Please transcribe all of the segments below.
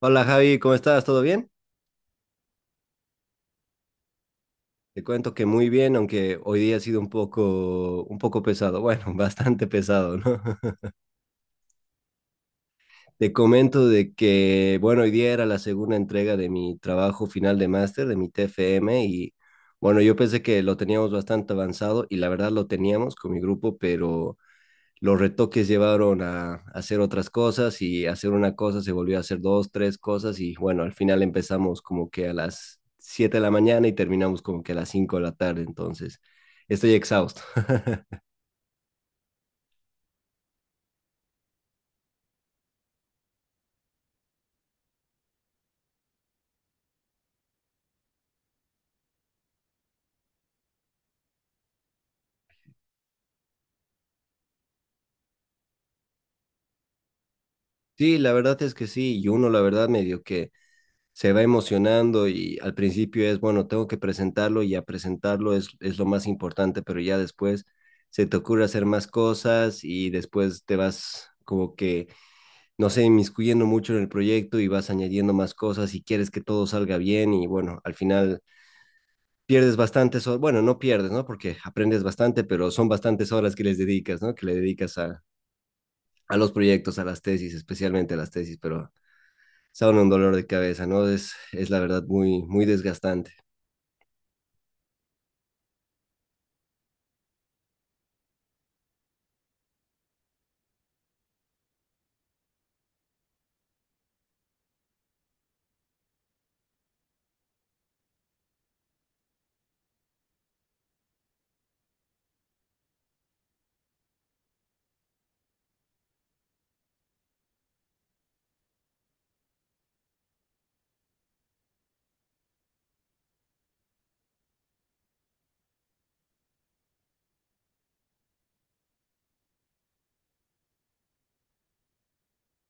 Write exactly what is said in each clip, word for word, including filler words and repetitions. Hola Javi, ¿cómo estás? ¿Todo bien? Te cuento que muy bien, aunque hoy día ha sido un poco, un poco pesado, bueno, bastante pesado, ¿no? Te comento de que, bueno, hoy día era la segunda entrega de mi trabajo final de máster, de mi T F M, y bueno, yo pensé que lo teníamos bastante avanzado y la verdad lo teníamos con mi grupo, pero los retoques llevaron a, a hacer otras cosas y hacer una cosa se volvió a hacer dos, tres cosas y bueno, al final empezamos como que a las siete de la mañana y terminamos como que a las cinco de la tarde, entonces estoy exhausto. Sí, la verdad es que sí, y uno la verdad medio que se va emocionando y al principio es, bueno, tengo que presentarlo y a presentarlo es, es lo más importante, pero ya después se te ocurre hacer más cosas y después te vas como que no sé, inmiscuyendo mucho en el proyecto y vas añadiendo más cosas y quieres que todo salga bien y bueno, al final pierdes bastantes horas, bueno, no pierdes, ¿no? Porque aprendes bastante, pero son bastantes horas que les dedicas, ¿no? Que le dedicas a, a los proyectos, a las tesis, especialmente a las tesis, pero son un dolor de cabeza, ¿no? Es, es la verdad muy, muy desgastante.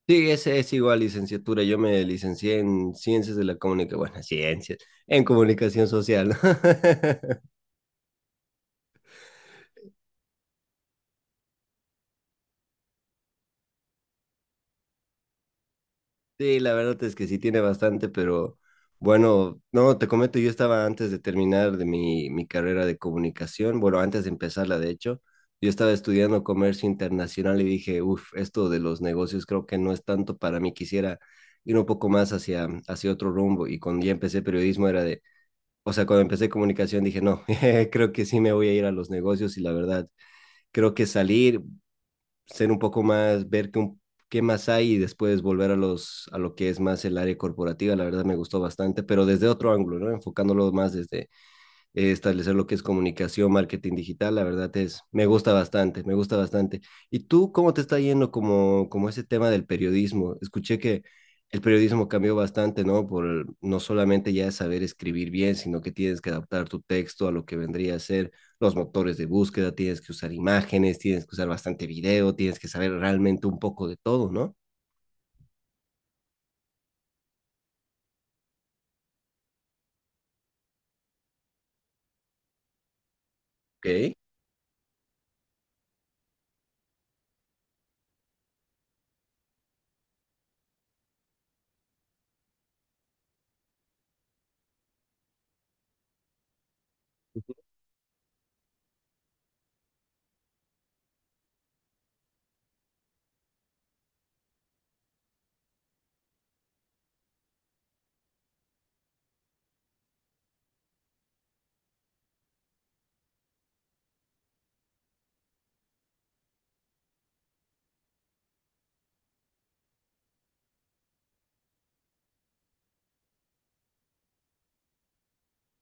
Sí, ese es igual licenciatura. Yo me licencié en ciencias de la comunicación, bueno, ciencias, en comunicación social, ¿no? Sí, la verdad es que sí tiene bastante, pero bueno, no, te comento, yo estaba antes de terminar de mi, mi carrera de comunicación, bueno, antes de empezarla, de hecho, yo estaba estudiando comercio internacional y dije, uff, esto de los negocios creo que no es tanto para mí, quisiera ir un poco más hacia, hacia otro rumbo. Y cuando ya empecé periodismo era de, o sea, cuando empecé comunicación dije, no, creo que sí me voy a ir a los negocios y la verdad, creo que salir, ser un poco más, ver qué, qué más hay y después volver a los, a lo que es más el área corporativa. La verdad me gustó bastante, pero desde otro ángulo, ¿no? Enfocándolo más desde eh, establecer lo que es comunicación, marketing digital, la verdad es, me gusta bastante, me gusta bastante. ¿Y tú cómo te está yendo como, como ese tema del periodismo? Escuché que el periodismo cambió bastante, ¿no? Por no solamente ya saber escribir bien, sino que tienes que adaptar tu texto a lo que vendría a ser los motores de búsqueda, tienes que usar imágenes, tienes que usar bastante video, tienes que saber realmente un poco de todo, ¿no? Ok,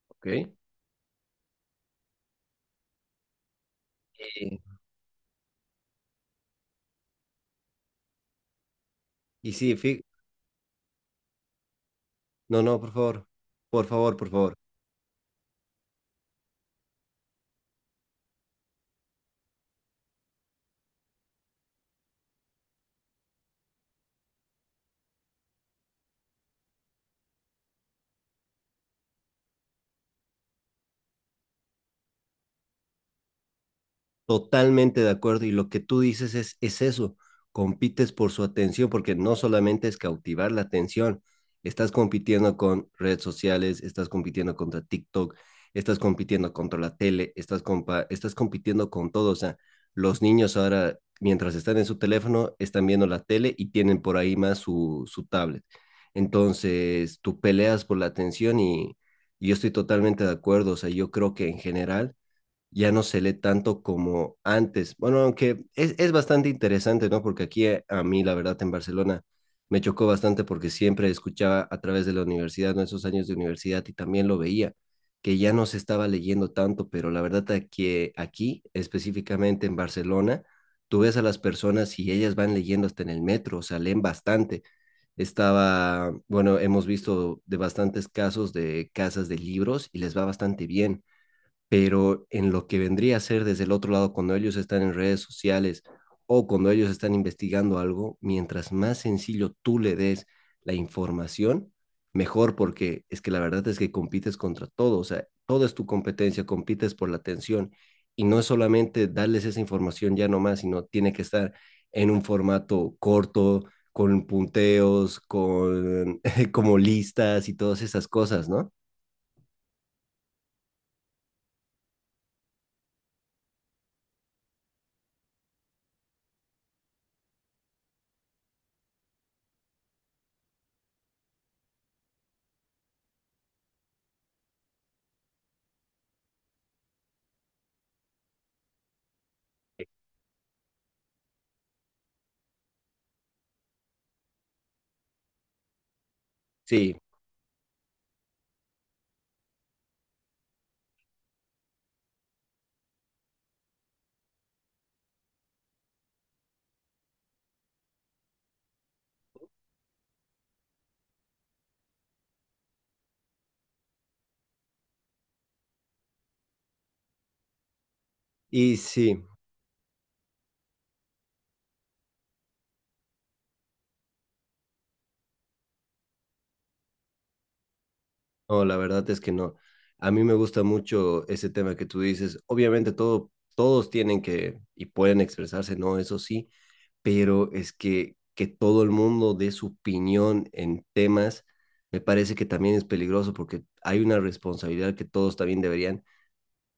ok. Eh, y sí, fi- no, no, por favor, por favor, por favor. Totalmente de acuerdo. Y lo que tú dices es, es eso, compites por su atención, porque no solamente es cautivar la atención, estás compitiendo con redes sociales, estás compitiendo contra TikTok, estás compitiendo contra la tele, estás, compa- estás compitiendo con todo. O sea, los niños ahora, mientras están en su teléfono, están viendo la tele y tienen por ahí más su, su tablet. Entonces, tú peleas por la atención y, y yo estoy totalmente de acuerdo. O sea, yo creo que en general ya no se lee tanto como antes. Bueno, aunque es, es bastante interesante, ¿no? Porque aquí eh, a mí, la verdad, en Barcelona me chocó bastante porque siempre escuchaba a través de la universidad, ¿no? Esos años de universidad y también lo veía, que ya no se estaba leyendo tanto, pero la verdad es que aquí, específicamente en Barcelona, tú ves a las personas y ellas van leyendo hasta en el metro, o sea, leen bastante. Estaba, bueno, hemos visto de bastantes casos de casas de libros y les va bastante bien, pero en lo que vendría a ser desde el otro lado, cuando ellos están en redes sociales o cuando ellos están investigando algo, mientras más sencillo tú le des la información, mejor, porque es que la verdad es que compites contra todo, o sea, todo es tu competencia, compites por la atención y no es solamente darles esa información ya nomás, sino tiene que estar en un formato corto, con punteos, con como listas y todas esas cosas, ¿no? Sí, y sí. No, la verdad es que no. A mí me gusta mucho ese tema que tú dices. Obviamente todo, todos tienen que y pueden expresarse, ¿no? Eso sí, pero es que, que todo el mundo dé su opinión en temas, me parece que también es peligroso porque hay una responsabilidad que todos también deberían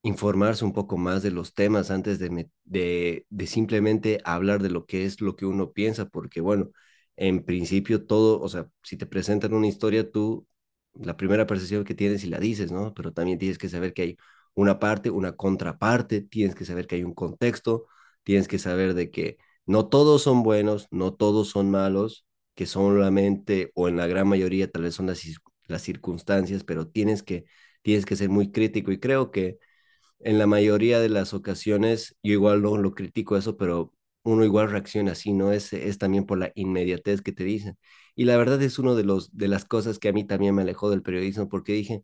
informarse un poco más de los temas antes de, me- de, de simplemente hablar de lo que es lo que uno piensa, porque bueno, en principio todo, o sea, si te presentan una historia, tú la primera percepción que tienes y la dices, ¿no? Pero también tienes que saber que hay una parte, una contraparte, tienes que saber que hay un contexto, tienes que saber de que no todos son buenos, no todos son malos, que solamente o en la gran mayoría tal vez son las, las circunstancias, pero tienes que, tienes que ser muy crítico y creo que en la mayoría de las ocasiones, yo igual no lo critico eso, pero uno igual reacciona así, ¿no? Es, es también por la inmediatez que te dicen. Y la verdad es uno de, los, de las cosas que a mí también me alejó del periodismo, porque dije,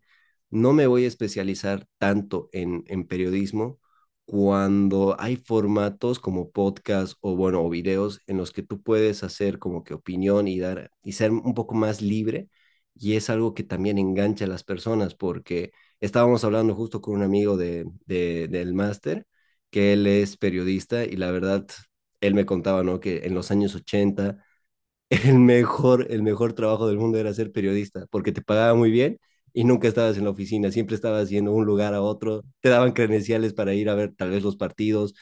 no me voy a especializar tanto en, en periodismo cuando hay formatos como podcast o, bueno, o videos en los que tú puedes hacer como que opinión y dar, y ser un poco más libre. Y es algo que también engancha a las personas porque estábamos hablando justo con un amigo de, de del máster, que él es periodista y la verdad, él me contaba, ¿no? Que en los años ochenta el mejor, el mejor trabajo del mundo era ser periodista, porque te pagaba muy bien y nunca estabas en la oficina, siempre estabas yendo de un lugar a otro, te daban credenciales para ir a ver tal vez los partidos,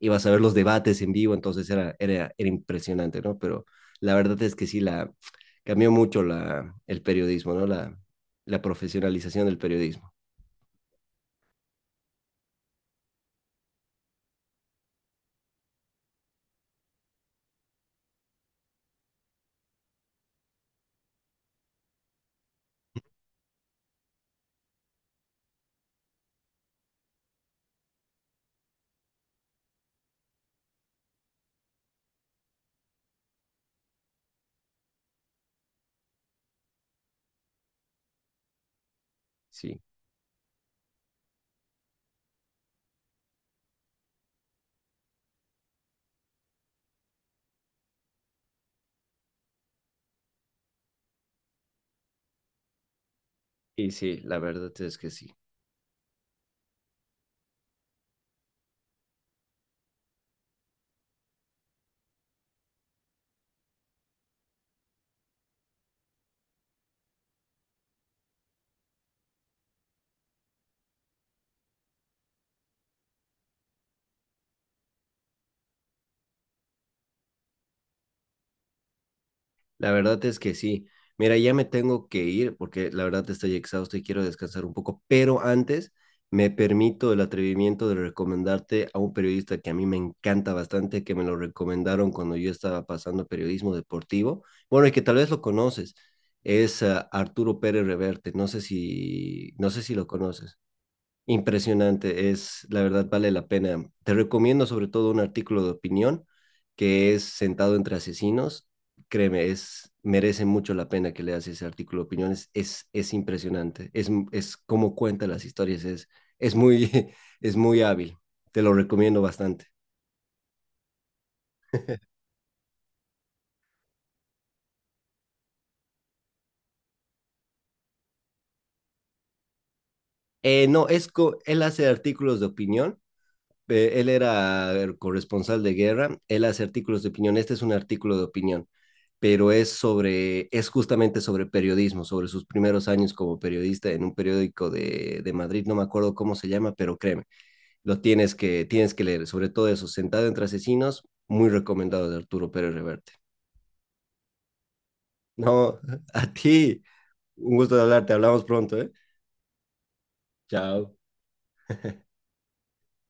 ibas a ver los debates en vivo, entonces era, era, era impresionante, ¿no? Pero la verdad es que sí, la, cambió mucho la, el periodismo, ¿no? La, la profesionalización del periodismo, sí. Y sí, la verdad es que sí. La verdad es que sí. Mira, ya me tengo que ir porque la verdad estoy exhausto y quiero descansar un poco, pero antes me permito el atrevimiento de recomendarte a un periodista que a mí me encanta bastante, que me lo recomendaron cuando yo estaba pasando periodismo deportivo. Bueno, y que tal vez lo conoces, es uh, Arturo Pérez Reverte. No sé si, no sé si lo conoces. Impresionante, es la verdad vale la pena. Te recomiendo sobre todo un artículo de opinión que es Sentado entre asesinos. Créeme, es merece mucho la pena que leas ese artículo de opinión. Es, es, es impresionante. Es, es cómo cuenta las historias. Es, es muy, es muy hábil. Te lo recomiendo bastante. Eh, no, es co- él hace artículos de opinión, eh, él era el corresponsal de guerra, él hace artículos de opinión, este es un artículo de opinión, pero es sobre, es justamente sobre periodismo, sobre sus primeros años como periodista en un periódico de, de Madrid, no me acuerdo cómo se llama, pero créeme, lo tienes que, tienes que leer, sobre todo eso, Sentado entre asesinos, muy recomendado de Arturo Pérez Reverte. No, a ti, un gusto de hablarte, hablamos pronto, ¿eh? Chao.